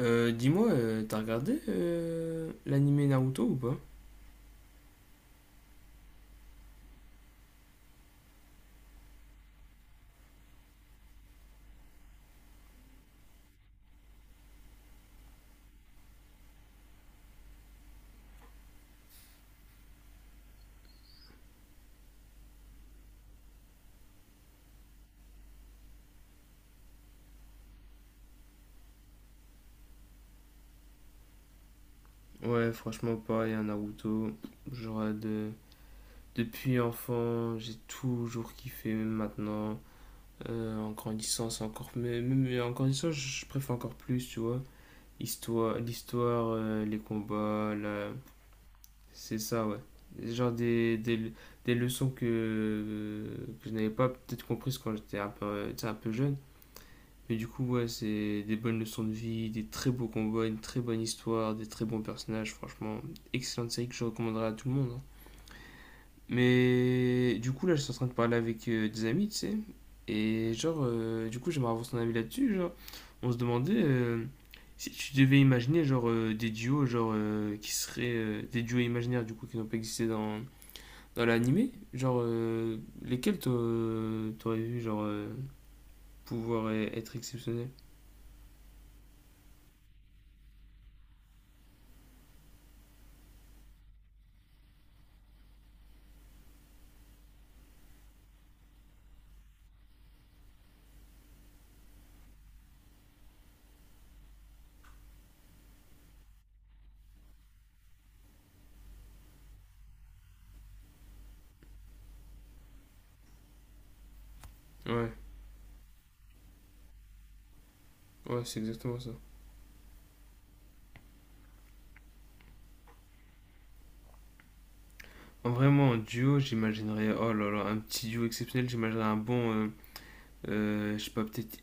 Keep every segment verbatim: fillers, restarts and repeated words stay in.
Euh, dis-moi, euh, t'as regardé euh, l'animé Naruto ou pas? Ouais, franchement, pareil, un Naruto. Genre, euh, de... depuis enfant, j'ai toujours kiffé, même maintenant. Euh, en grandissant, c'est encore. Mais, même en grandissant, je je préfère encore plus, tu vois. Histoire, l'histoire, euh, les combats, la... c'est ça, ouais. Genre des, des, des leçons que, que je n'avais pas peut-être comprises quand j'étais un peu, tu sais, un peu jeune. Mais du coup, ouais, c'est des bonnes leçons de vie, des très beaux combats, une très bonne histoire, des très bons personnages. Franchement, excellente série que je recommanderais à tout le monde, hein. Mais du coup, là, je suis en train de parler avec euh, des amis, tu sais. Et genre, euh, du coup, j'aimerais avoir son avis là-dessus. Genre, on se demandait euh, si tu devais imaginer, genre, euh, des duos, genre, euh, qui seraient euh, des duos imaginaires, du coup, qui n'ont pas existé dans, dans l'animé. Genre, euh, lesquels t'a- t'aurais vu, genre, euh, pouvoir euh, être exceptionnels? Ouais. Ouais, c'est exactement ça. En vraiment, en duo, j'imaginerais, oh là là, un petit duo exceptionnel, j'imaginerais un bon, euh, euh, je sais pas, peut-être...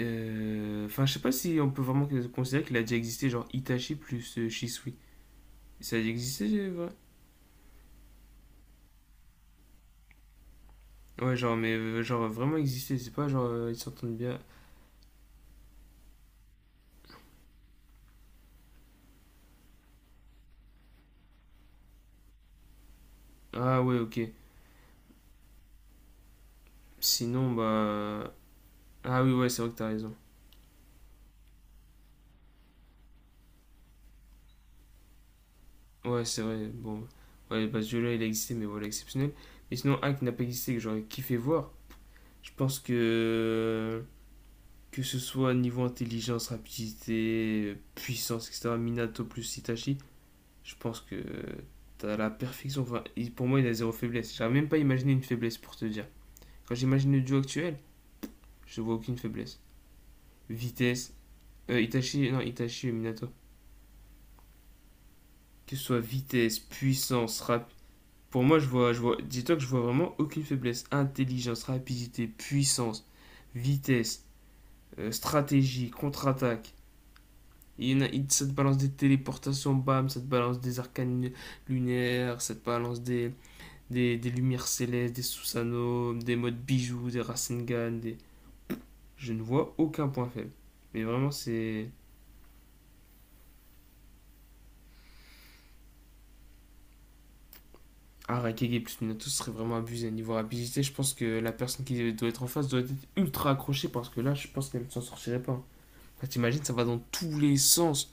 euh, Enfin, je sais pas si on peut vraiment considérer qu'il a déjà existé, genre Itachi plus euh, Shisui. Ça a déjà existé, c'est vrai? Ouais, genre, mais euh, genre vraiment existé, c'est pas genre euh, ils s'entendent bien. Ah ouais, ok. Sinon, bah... Ah oui, ouais, c'est vrai que t'as raison. Ouais, c'est vrai, bon. Ouais, bah ce duo-là, il a existé, mais voilà, exceptionnel. Mais sinon, un qui n'a pas existé, que j'aurais kiffé voir, je pense que... que ce soit niveau intelligence, rapidité, puissance, et cetera. Minato plus Itachi, je pense que t'as la perfection. Enfin, il- pour moi, il a zéro faiblesse. J'arrive même pas à imaginer une faiblesse pour te dire. Quand j'imagine le duo actuel, je vois aucune faiblesse. Vitesse, euh, Itachi, non, Itachi et Minato. Que ce soit vitesse, puissance, rap. Pour moi, je vois, je vois, dis-toi que je vois vraiment aucune faiblesse. Intelligence, rapidité, puissance, vitesse, euh, stratégie, contre-attaque. Il y en a, ça te balance des téléportations, bam, ça te balance des arcanes lunaires, ça te balance des, des, des lumières célestes, des Susanoo, des modes bijoux, des Rasengan, des... Je ne vois aucun point faible. Mais vraiment, c'est... Ah, Raikage plus Minato serait vraiment abusé. Niveau rapidité, je pense que la personne qui doit être en face doit être ultra accrochée parce que là, je pense qu'elle ne s'en sortirait pas. Enfin, t'imagines, ça va dans tous les sens.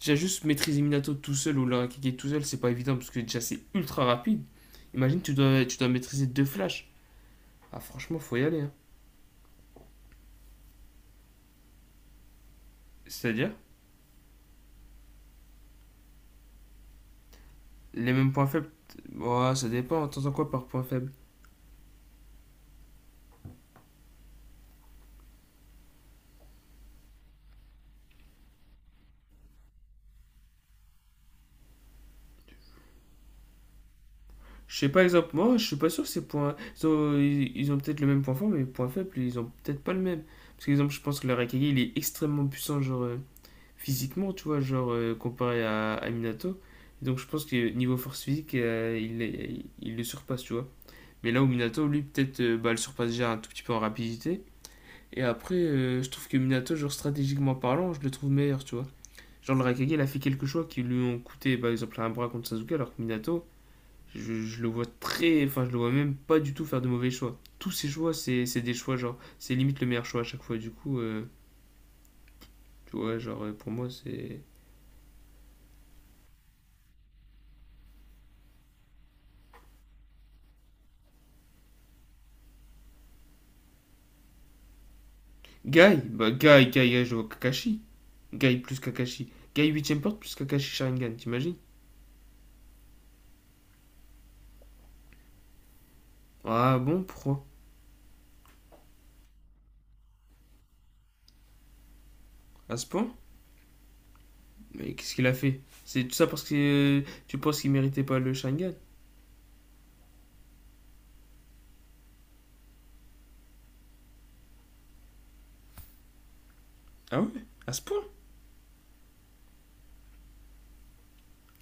Déjà, juste maîtriser Minato tout seul ou l'Arakeke tout seul, c'est pas évident parce que déjà c'est ultra rapide. Imagine, tu dois, tu dois maîtriser deux flashs. Ah, franchement, faut y aller, hein. C'est-à-dire, les mêmes points faibles. Ouais, ça dépend. T'entends quoi par point faible? Je sais pas, exemple, moi, je suis pas sûr que ces points. so, Ils ont, ils- ont peut-être le même point fort, mais les points faibles, ils ont peut-être pas le même. Parce que, exemple, je pense que l'Arakeke, il est extrêmement puissant, genre euh, physiquement, tu vois, genre euh, comparé à, à Minato. Donc, je pense que niveau force physique, euh, il, est- il le surpasse, tu vois. Mais là où Minato, lui, peut-être, euh, bah, le surpasse déjà un tout petit peu en rapidité. Et après, euh, je trouve que Minato, genre stratégiquement parlant, je le trouve meilleur, tu vois. Genre le Raikage, il a fait quelques choix qui lui ont coûté, par exemple, un bras contre Sasuke, alors que Minato, je, je le vois très. Enfin, je le vois même pas du tout faire de mauvais choix. Tous ses choix, c'est c'est des choix, genre, c'est limite le meilleur choix à chaque fois, du coup, euh, tu vois, genre, euh, pour moi, c'est. Guy Bah, Guy, Guy, Guy, je vois Kakashi. Guy plus Kakashi. Guy huitième porte plus Kakashi Sharingan, t'imagines? Ah bon, pourquoi? À ce point? Mais qu'est-ce qu'il a fait? C'est tout ça parce que euh, tu penses qu'il méritait pas le Shangan? Ah ouais? À ce point?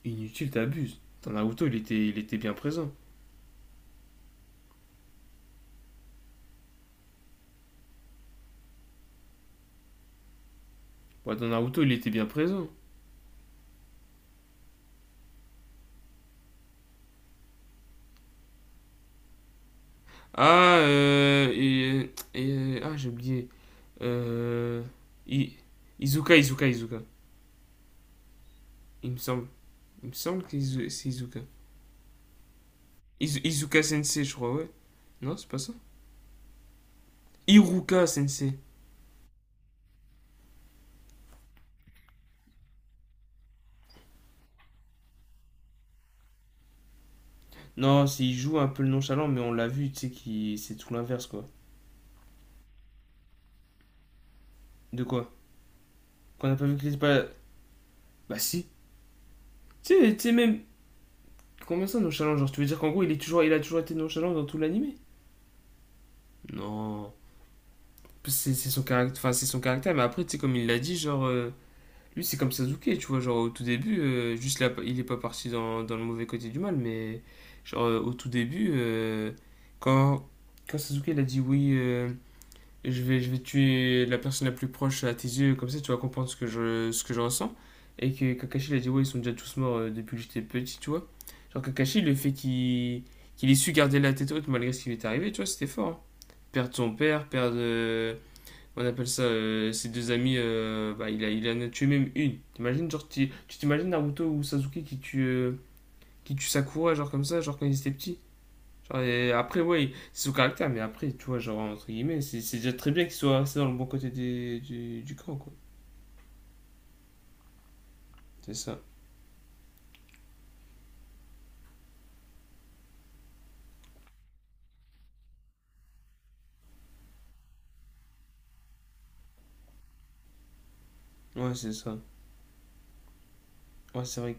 Inutile, t'abuses. Dans Naruto, il était, il était bien présent. Ouais, dans Naruto, il était bien présent. Ah, euh, et, et, euh, ah, j'ai oublié. Euh, I- Izuka, Izuka, Izuka. Il me semble, il me semble que c'est Izuka. Izu- Izuka Sensei, je crois, ouais. Non, c'est pas ça. Iruka Sensei. Non, c'est- il joue un peu le nonchalant, mais on l'a vu, tu sais, qui c'est tout l'inverse, quoi. De quoi? Qu'on n'a pas vu que c'était pas. Bah si. Tu sais, tu même. Combien ça, nonchalant? Genre, tu veux dire qu'en gros, il, est toujours, il a toujours été nonchalant dans tout l'animé? Non. C'est c'est son, caractère enfin, c'est son caractère, mais après, tu sais, comme il l'a dit, genre, euh, lui, c'est comme Sasuke, tu vois, genre au tout début, euh, juste là, il est pas parti dans, dans le mauvais côté du mal, mais genre euh, au tout début, euh, quand, quand Sasuke il a dit oui, euh, et je vais, je vais tuer la personne la plus proche à tes yeux, comme ça tu vas comprendre ce que je, ce que je ressens. Et que Kakashi, il a dit, ouais, ils sont déjà tous morts euh, depuis que j'étais petit, tu vois. Genre Kakashi, le fait qu'il qu'il ait su garder la tête haute malgré ce qui lui est arrivé, tu vois, c'était fort, hein. Perdre son père, perdre, euh, on appelle ça, euh, ses deux amis, euh, bah, il, a, il en a tué même une. T'imagines, genre, tu tu t'imagines Naruto ou Sasuke qui tue, euh, qui tue Sakura, genre comme ça, genre quand ils étaient petits? Genre, et après, ouais, c'est son caractère, mais après, tu vois, genre, entre guillemets, c'est c'est déjà très bien qu'il soit resté dans le bon côté des- du, du camp, quoi. C'est ça. Ouais, c'est ça. Ouais, c'est vrai.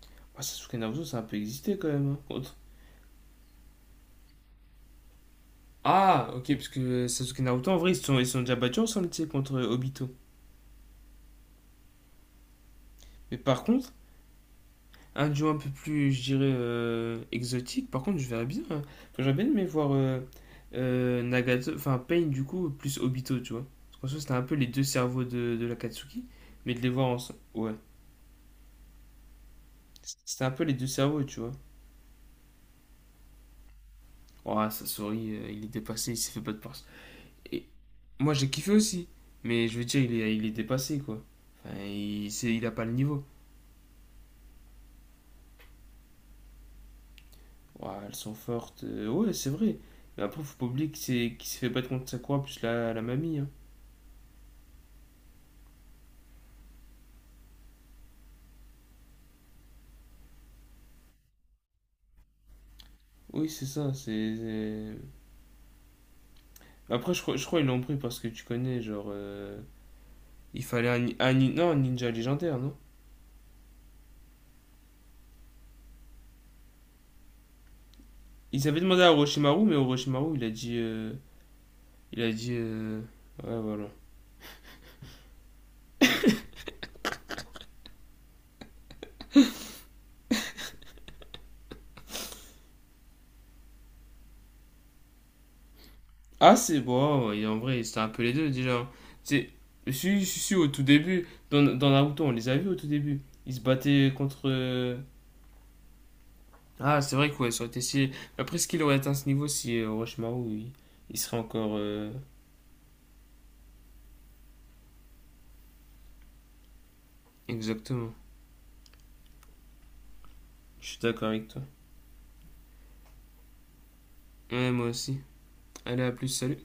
que- Ouais, Sasuke Naruto, ça a un peu existé quand même, hein. Contre- Ah, ok, parce que Sasuke Naruto, en vrai, ils se sont, ils se sont déjà battus ensemble, tu sais, contre Obito. Mais par contre, un duo un peu plus, je dirais, euh, exotique, par contre, je verrais bien, hein. Enfin, j'aurais bien aimé voir euh, euh, Nagato, enfin Pain, du coup, plus Obito, tu vois. Parce qu'en soi, c'était un peu les deux cerveaux de, de l'Akatsuki, mais de les voir ensemble. Ouais. C'était un peu les deux cerveaux, tu vois. Ouah, Sasori, euh, il est dépassé, il s'est fait pas de passe. Et moi, j'ai kiffé aussi. Mais je veux dire, il est, il est dépassé, quoi. Enfin, il, c'est- il a pas le niveau. Ouah, elles sont fortes. Euh, ouais, c'est vrai. Mais après, faut pas oublier qu'il s'est qu'il s'est fait battre contre Sakura plus la, la mamie, hein. Oui, c'est ça. c'est... c'est- Après, je crois, je crois qu'ils l'ont pris parce que tu connais, genre. euh, Il fallait un, ni- un ni- non, un ninja légendaire, non? Ils avaient demandé à Orochimaru, mais Orochimaru, il a dit. euh, Il a dit. euh, Ouais, voilà. Ah, c'est bon, et en vrai, c'était un peu les deux déjà. C'est, si, si, si, au tout début, dans, dans Naruto, on les a vus au tout début. Ils se battaient contre. euh, Ah, c'est vrai quoi, ça aurait été si. Après, est-ce qu'il aurait atteint ce niveau si euh, Orochimaru, il, il serait encore. euh, Exactement. Je suis d'accord avec toi. Ouais, moi aussi. Allez, à plus, salut.